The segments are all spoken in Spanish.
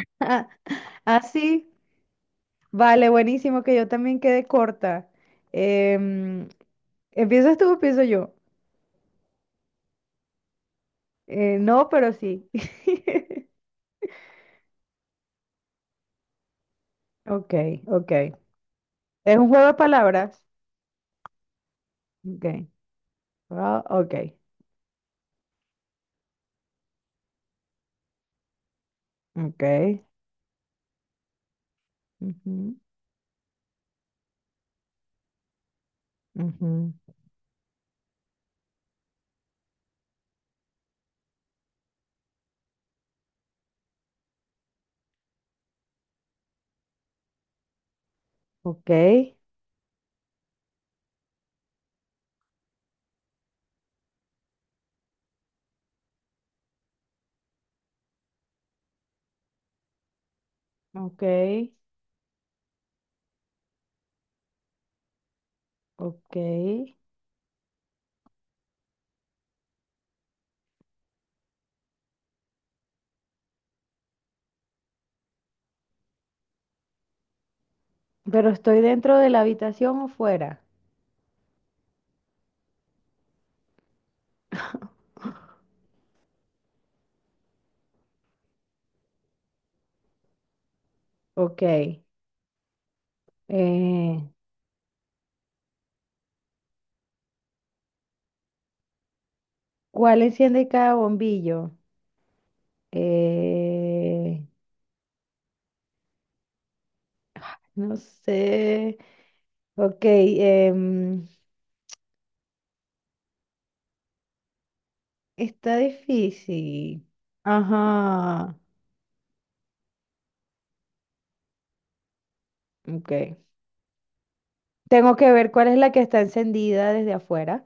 Ah, ah, sí. Vale, buenísimo, que yo también quede corta. Em, ¿Empiezas tú o empiezo yo? No, pero sí. Ok, ok. ¿Es un juego de palabras? Ok. Ah, ok, ok. Ujú, ujú. Ok, ok, ok. Pero ¿estoy dentro de la habitación o fuera? Ok. Eh, ¿Cuál enciende cada bombillo? Eh, no sé. Ok, está difícil. Ajá, ok. Tengo que ver cuál es la que está encendida desde afuera.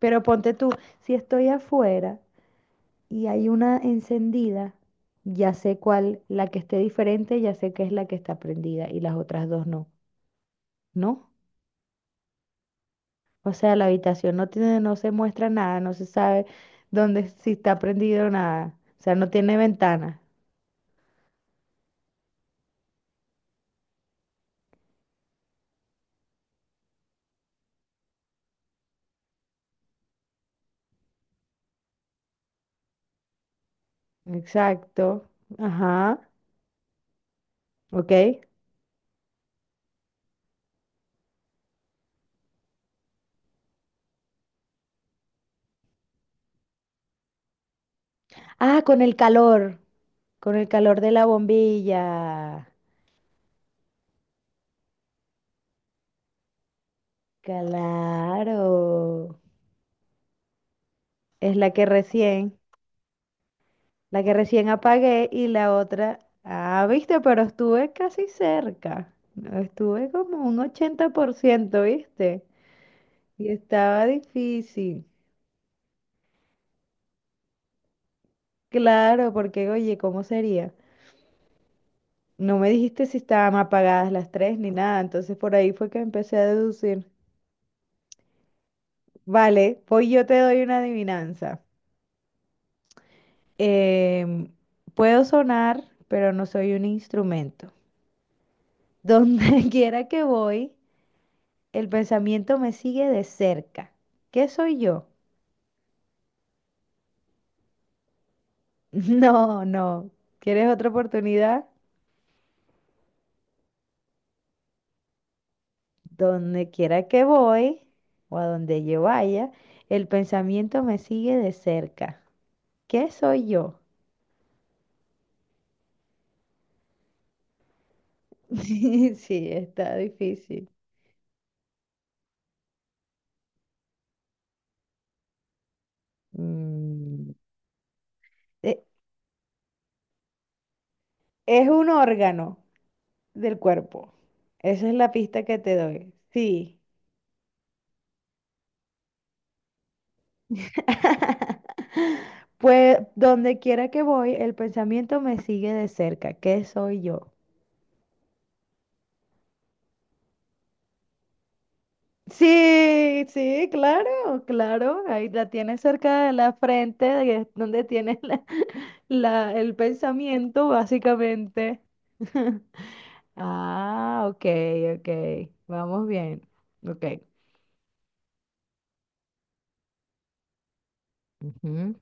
Pero ponte tú, si estoy afuera y hay una encendida, ya sé cuál, la que esté diferente, ya sé que es la que está prendida y las otras dos no, ¿no? O sea, la habitación no tiene, no se muestra nada, no se sabe dónde, si está prendido o nada. O sea, no tiene ventana. Exacto. Ajá, ok. Ah, con el calor de la bombilla. Claro. Es la que recién apagué y la otra. Ah, viste, pero estuve casi cerca. No, estuve como un 80%, ¿viste? Y estaba difícil. Claro, porque oye, ¿cómo sería? No me dijiste si estaban apagadas las tres ni nada, entonces por ahí fue que empecé a deducir. Vale, pues yo te doy una adivinanza. Em, Puedo sonar, pero no soy un instrumento. Donde quiera que voy, el pensamiento me sigue de cerca. ¿Qué soy yo? No, no. ¿Quieres otra oportunidad? Donde quiera que voy o a donde yo vaya, el pensamiento me sigue de cerca. ¿Qué soy yo? Sí, está difícil. Mm, e- es un órgano del cuerpo. Esa es la pista que te doy. Sí. Pues donde quiera que voy, el pensamiento me sigue de cerca. ¿Qué soy yo? Sí, sí, claro, claro. Ahí la tienes cerca de la frente, de- es donde tienes la- la- el pensamiento, básicamente. Ah, ok, ok. Vamos bien. Ok. Ujú.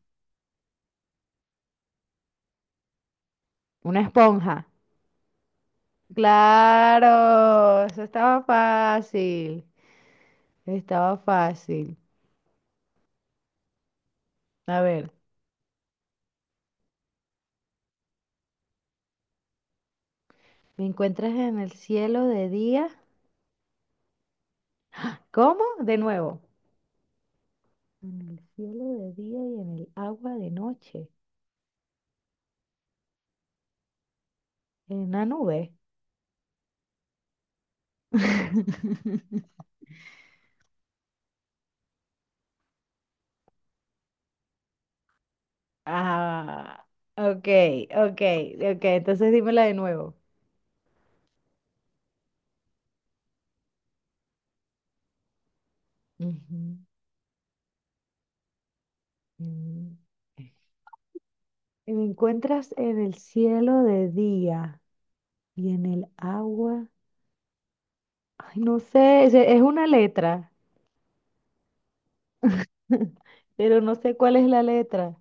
Una esponja. Claro, eso estaba fácil. Estaba fácil. A ver, ¿me encuentras en el cielo de día? ¿Cómo? De nuevo. En el cielo de día y en el agua de noche. En una nube. Ah, ok, ok, ok. Entonces dímela de nuevo. Ujú, ujú. Me encuentras en el cielo de día y en el agua. Ay, no sé, es una letra. Pero no sé cuál es la letra.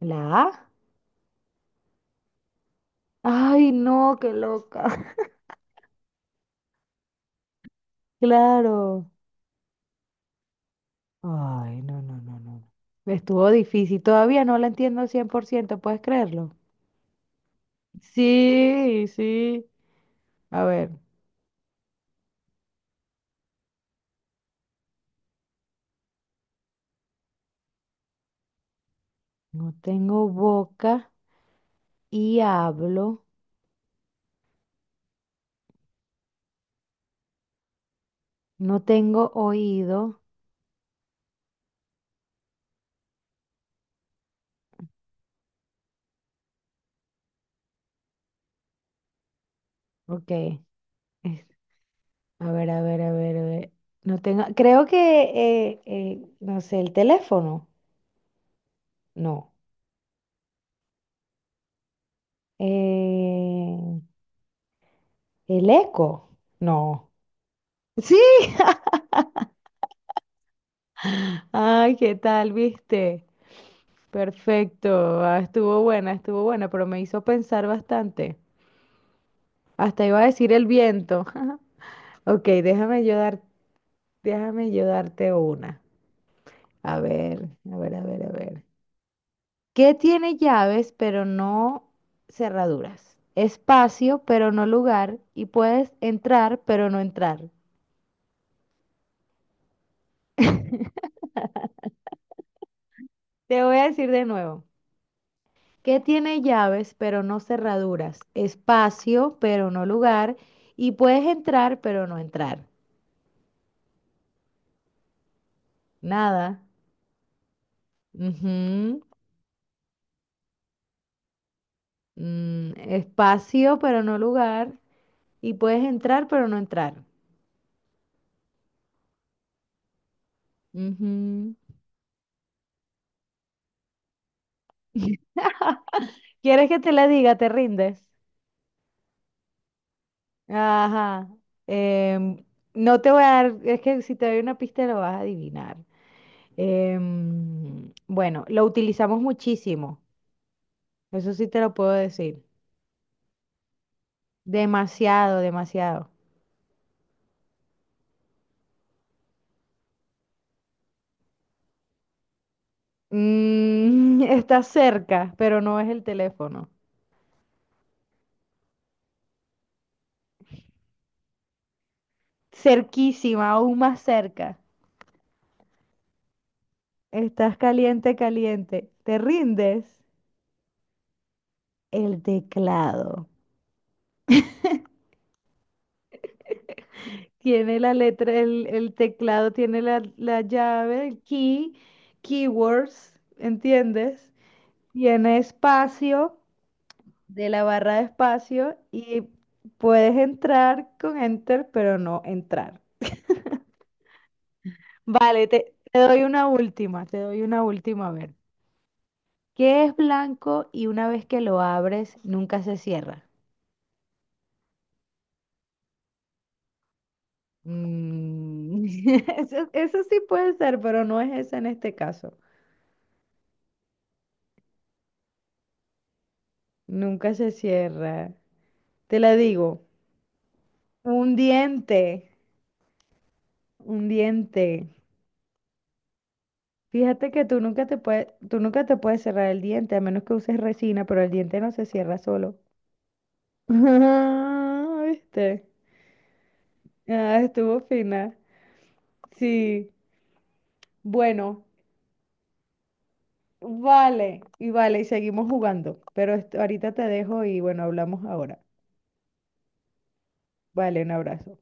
¿La A? Ay, no, qué loca. Claro. Ay, no, no, no, no. Estuvo difícil. Todavía no la entiendo al 100%. ¿Puedes creerlo? Sí, sí. A ver, no tengo boca y hablo. No tengo oído. Ok, a ver, a ver, a ver, a ver. No tengo. Creo que, no sé, el teléfono. No. Eh, ¿El eco? No. Sí. Ay, ¿qué tal, viste? Perfecto. Ah, estuvo buena, pero me hizo pensar bastante. Hasta iba a decir el viento. Ok, déjame yo dar, déjame yo darte una. A ver, a ver, a ver, a ver. ¿Qué tiene llaves pero no cerraduras? Espacio pero no lugar y puedes entrar pero no entrar. Te voy a decir de nuevo. Que tiene llaves pero no cerraduras, espacio pero no lugar, y puedes entrar pero no entrar. Nada. Ujú. Mm, espacio pero no lugar, y puedes entrar pero no entrar. Ujú. ¿Quieres que te la diga? ¿Te rindes? Ajá. Em, no te voy a dar, es que si te doy una pista lo vas a adivinar. Bueno, lo utilizamos muchísimo, eso sí te lo puedo decir. Demasiado, demasiado. Mm, está cerca, pero no es el teléfono. Cerquísima, aún más cerca. Estás caliente, caliente. ¿Te rindes? El teclado. Tiene la letra, el teclado tiene la llave, el key, keywords, ¿entiendes? Tiene espacio de la barra de espacio y puedes entrar con enter, pero no entrar. Vale, te doy una última, te doy una última, a ver. ¿Qué es blanco y una vez que lo abres, nunca se cierra? Mm, eso sí puede ser, pero no es esa en este caso. Nunca se cierra. Te la digo, un diente, un diente. Fíjate que tú nunca te puedes, tú nunca te puedes cerrar el diente, a menos que uses resina, pero el diente no se cierra solo. Ah, ¿viste? Ah, estuvo fina. Sí. Bueno. Vale, y vale, y seguimos jugando. Pero esto- ahorita te dejo y bueno, hablamos ahora. Vale, un abrazo.